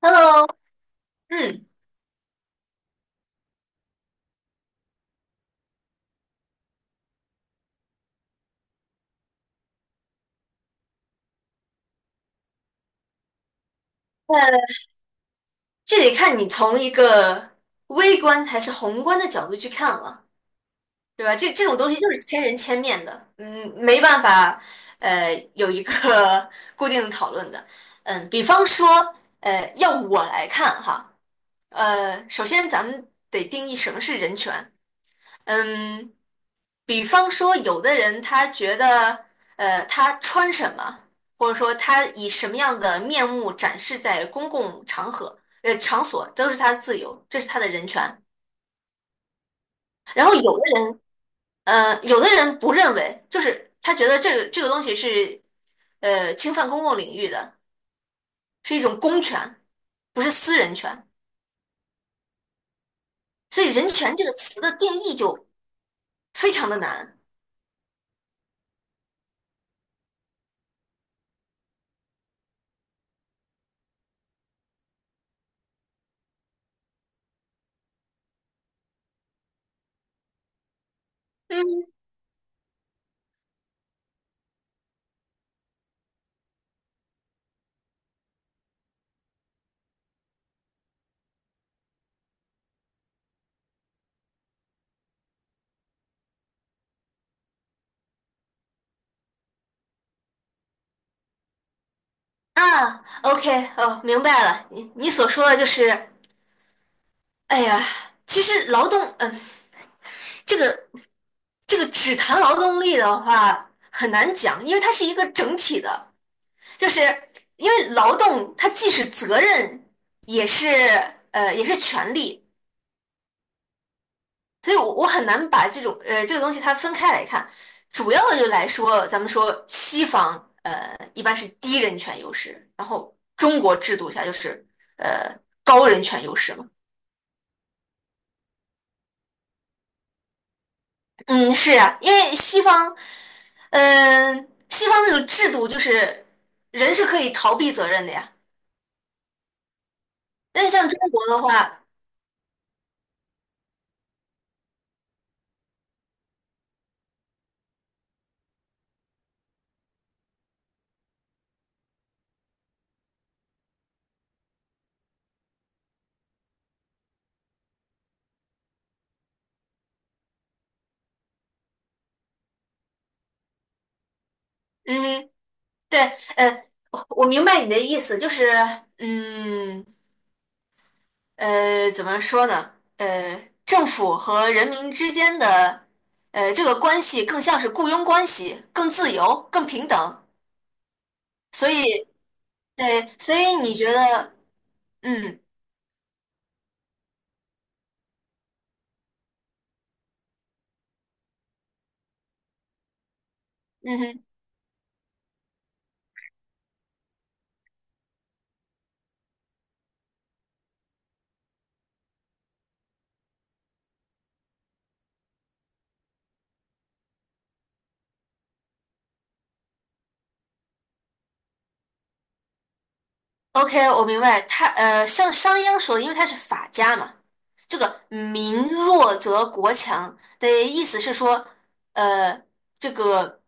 Hello，嗯，呃，这得看你从一个微观还是宏观的角度去看了，对吧？这种东西就是千人千面的，嗯，没办法，有一个 固定的讨论的。嗯，比方说，要我来看哈，首先咱们得定义什么是人权。嗯，比方说，有的人他觉得，他穿什么，或者说他以什么样的面目展示在公共场合、场所，都是他的自由，这是他的人权。然后有的人，有的人不认为，就是他觉得这个东西是，侵犯公共领域的，是一种公权，不是私人权。所以“人权”这个词的定义就非常的难。嗯啊，OK，哦，明白了。你你所说的就是哎呀，其实劳动，这个这个只谈劳动力的话很难讲，因为它是一个整体的，就是因为劳动它既是责任，也是也是权利，所以我很难把这种这个东西它分开来看。主要的就来说，咱们说西方一般是低人权优势，然后中国制度下就是呃高人权优势嘛。嗯，是啊，因为西方，嗯、西方那种制度就是人是可以逃避责任的呀。但是像中国的话，嗯，对，呃，我我明白你的意思，就是，嗯，怎么说呢？政府和人民之间的，这个关系更像是雇佣关系，更自由，更平等。所以，对，所以你觉得，嗯嗯哼。OK，我明白。他像商鞅说的，因为他是法家嘛，这个“民弱则国强”的意思是说，呃，这个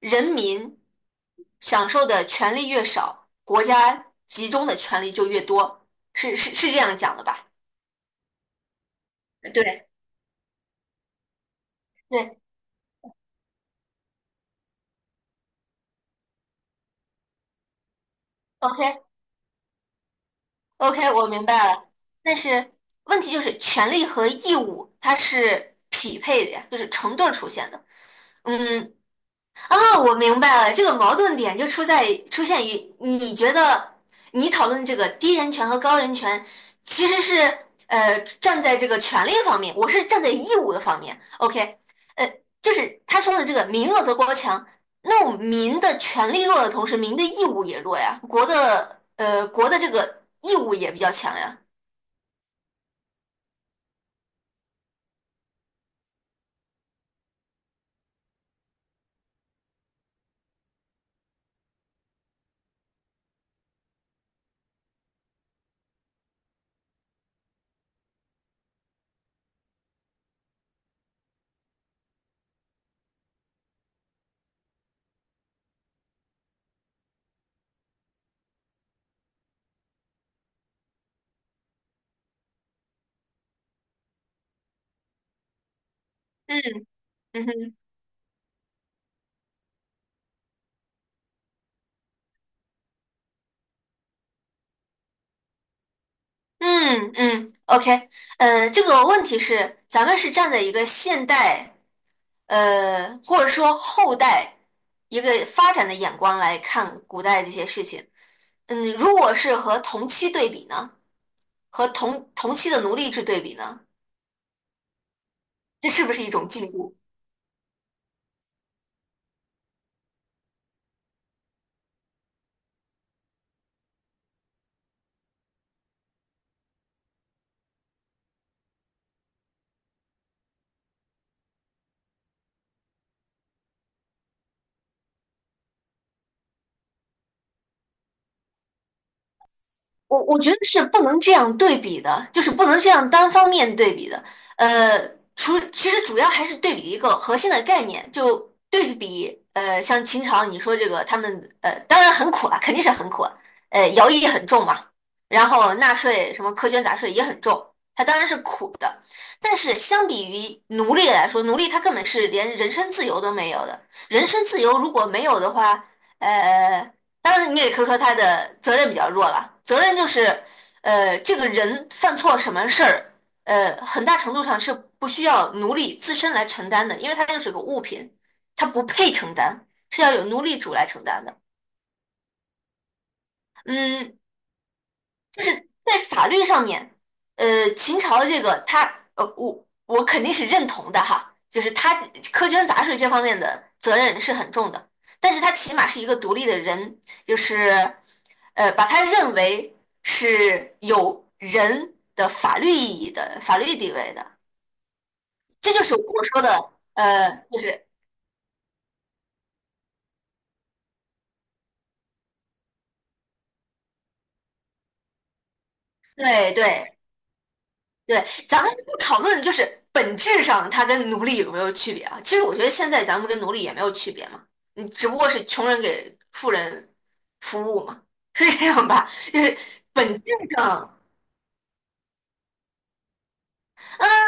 人民享受的权利越少，国家集中的权利就越多，是是是这样讲的吧？对对，OK OK，我明白了。但是问题就是，权利和义务它是匹配的呀，就是成对儿出现的。嗯，啊，我明白了，这个矛盾点就出在出现于你觉得你讨论这个低人权和高人权，其实是站在这个权利方面，我是站在义务的方面。OK，呃，就是他说的这个“民弱则国强”，那我民的权利弱的同时，民的义务也弱呀，国的国的这个义务也比较强呀。嗯嗯哼，嗯嗯，OK，这个问题是咱们是站在一个现代。或者说后代一个发展的眼光来看古代这些事情。嗯，如果是和同期对比呢，和同期的奴隶制对比呢，这是不是一种进步？我觉得是不能这样对比的，就是不能这样单方面对比的。呃，除其实主要还是对比一个核心的概念，就对比像秦朝你说这个他们当然很苦啊，肯定是很苦啊，徭役也很重嘛，然后纳税什么苛捐杂税也很重，它当然是苦，但是相比于奴隶来说，奴隶他根本是连人身自由都没有的。人身自由如果没有的话，呃，当然你也可以说他的责任比较弱了。责任就是，这个人犯错什么事儿，很大程度上是不需要奴隶自身来承担的，因为他就是个物品，他不配承担，是要有奴隶主来承担的。嗯，在法律上面，呃，秦朝的这个他，我肯定是认同的哈，就是他苛捐杂税这方面的责任是很重的，但是他起码是一个独立的人，就是把他认为是有人的法律意义的法律地位的，这就是我说的，就是对对。对，咱们不讨论就是本质上它跟奴隶有没有区别啊？其实我觉得现在咱们跟奴隶也没有区别嘛，你只不过是穷人给富人服务嘛，是这样吧？就是本质上，嗯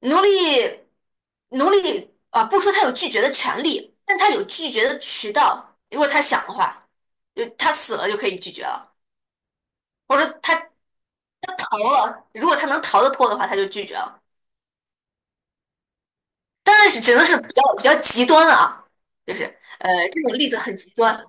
奴隶奴隶啊，不说他有拒绝的权利，但他有拒绝的渠道。如果他想的话，就他死了就可以拒绝了，或者说他逃了，如果他能逃得脱的话，他就拒绝了。当然是只能是比较极端啊，就是这种例子很极端，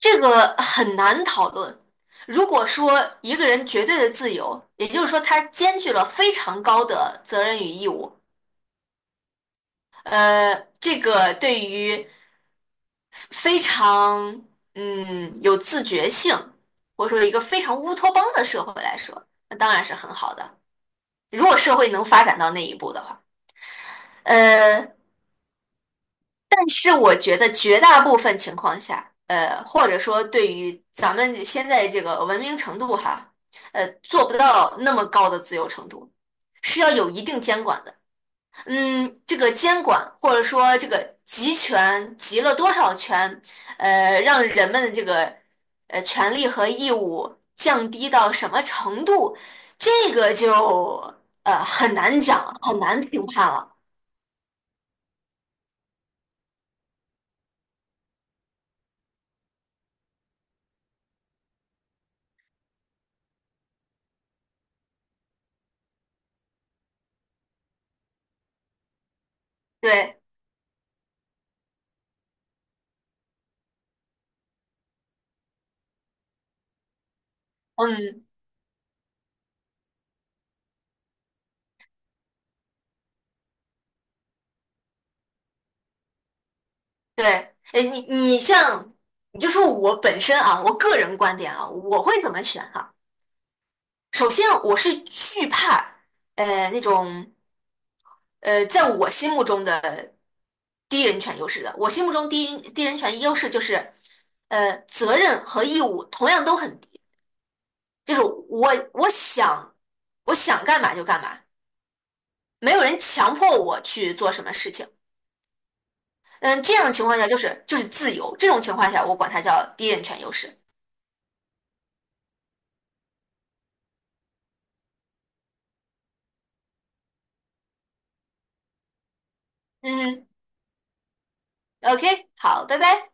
这个很难讨论。如果说一个人绝对的自由，也就是说他兼具了非常高的责任与义务，呃，这个对于非常有自觉性，或者说一个非常乌托邦的社会来说，那当然是很好的。如果社会能发展到那一步的话，呃，但是我觉得绝大部分情况下，或者说对于咱们现在这个文明程度哈，做不到那么高的自由程度，是要有一定监管的。嗯，这个监管或者说这个集权集了多少权，让人们的这个权利和义务降低到什么程度，这个就很难讲，很难评判了。对，嗯。对，哎，你你像，你就说我本身啊，我个人观点啊，我会怎么选哈、首先，我是惧怕那种在我心目中的低人权优势的。我心目中低人权优势就是责任和义务同样都很低，就是我想我想干嘛就干嘛，没有人强迫我去做什么事情。嗯，这样的情况下就是就是自由，这种情况下我管它叫低人权优势。嗯。OK，好，拜拜。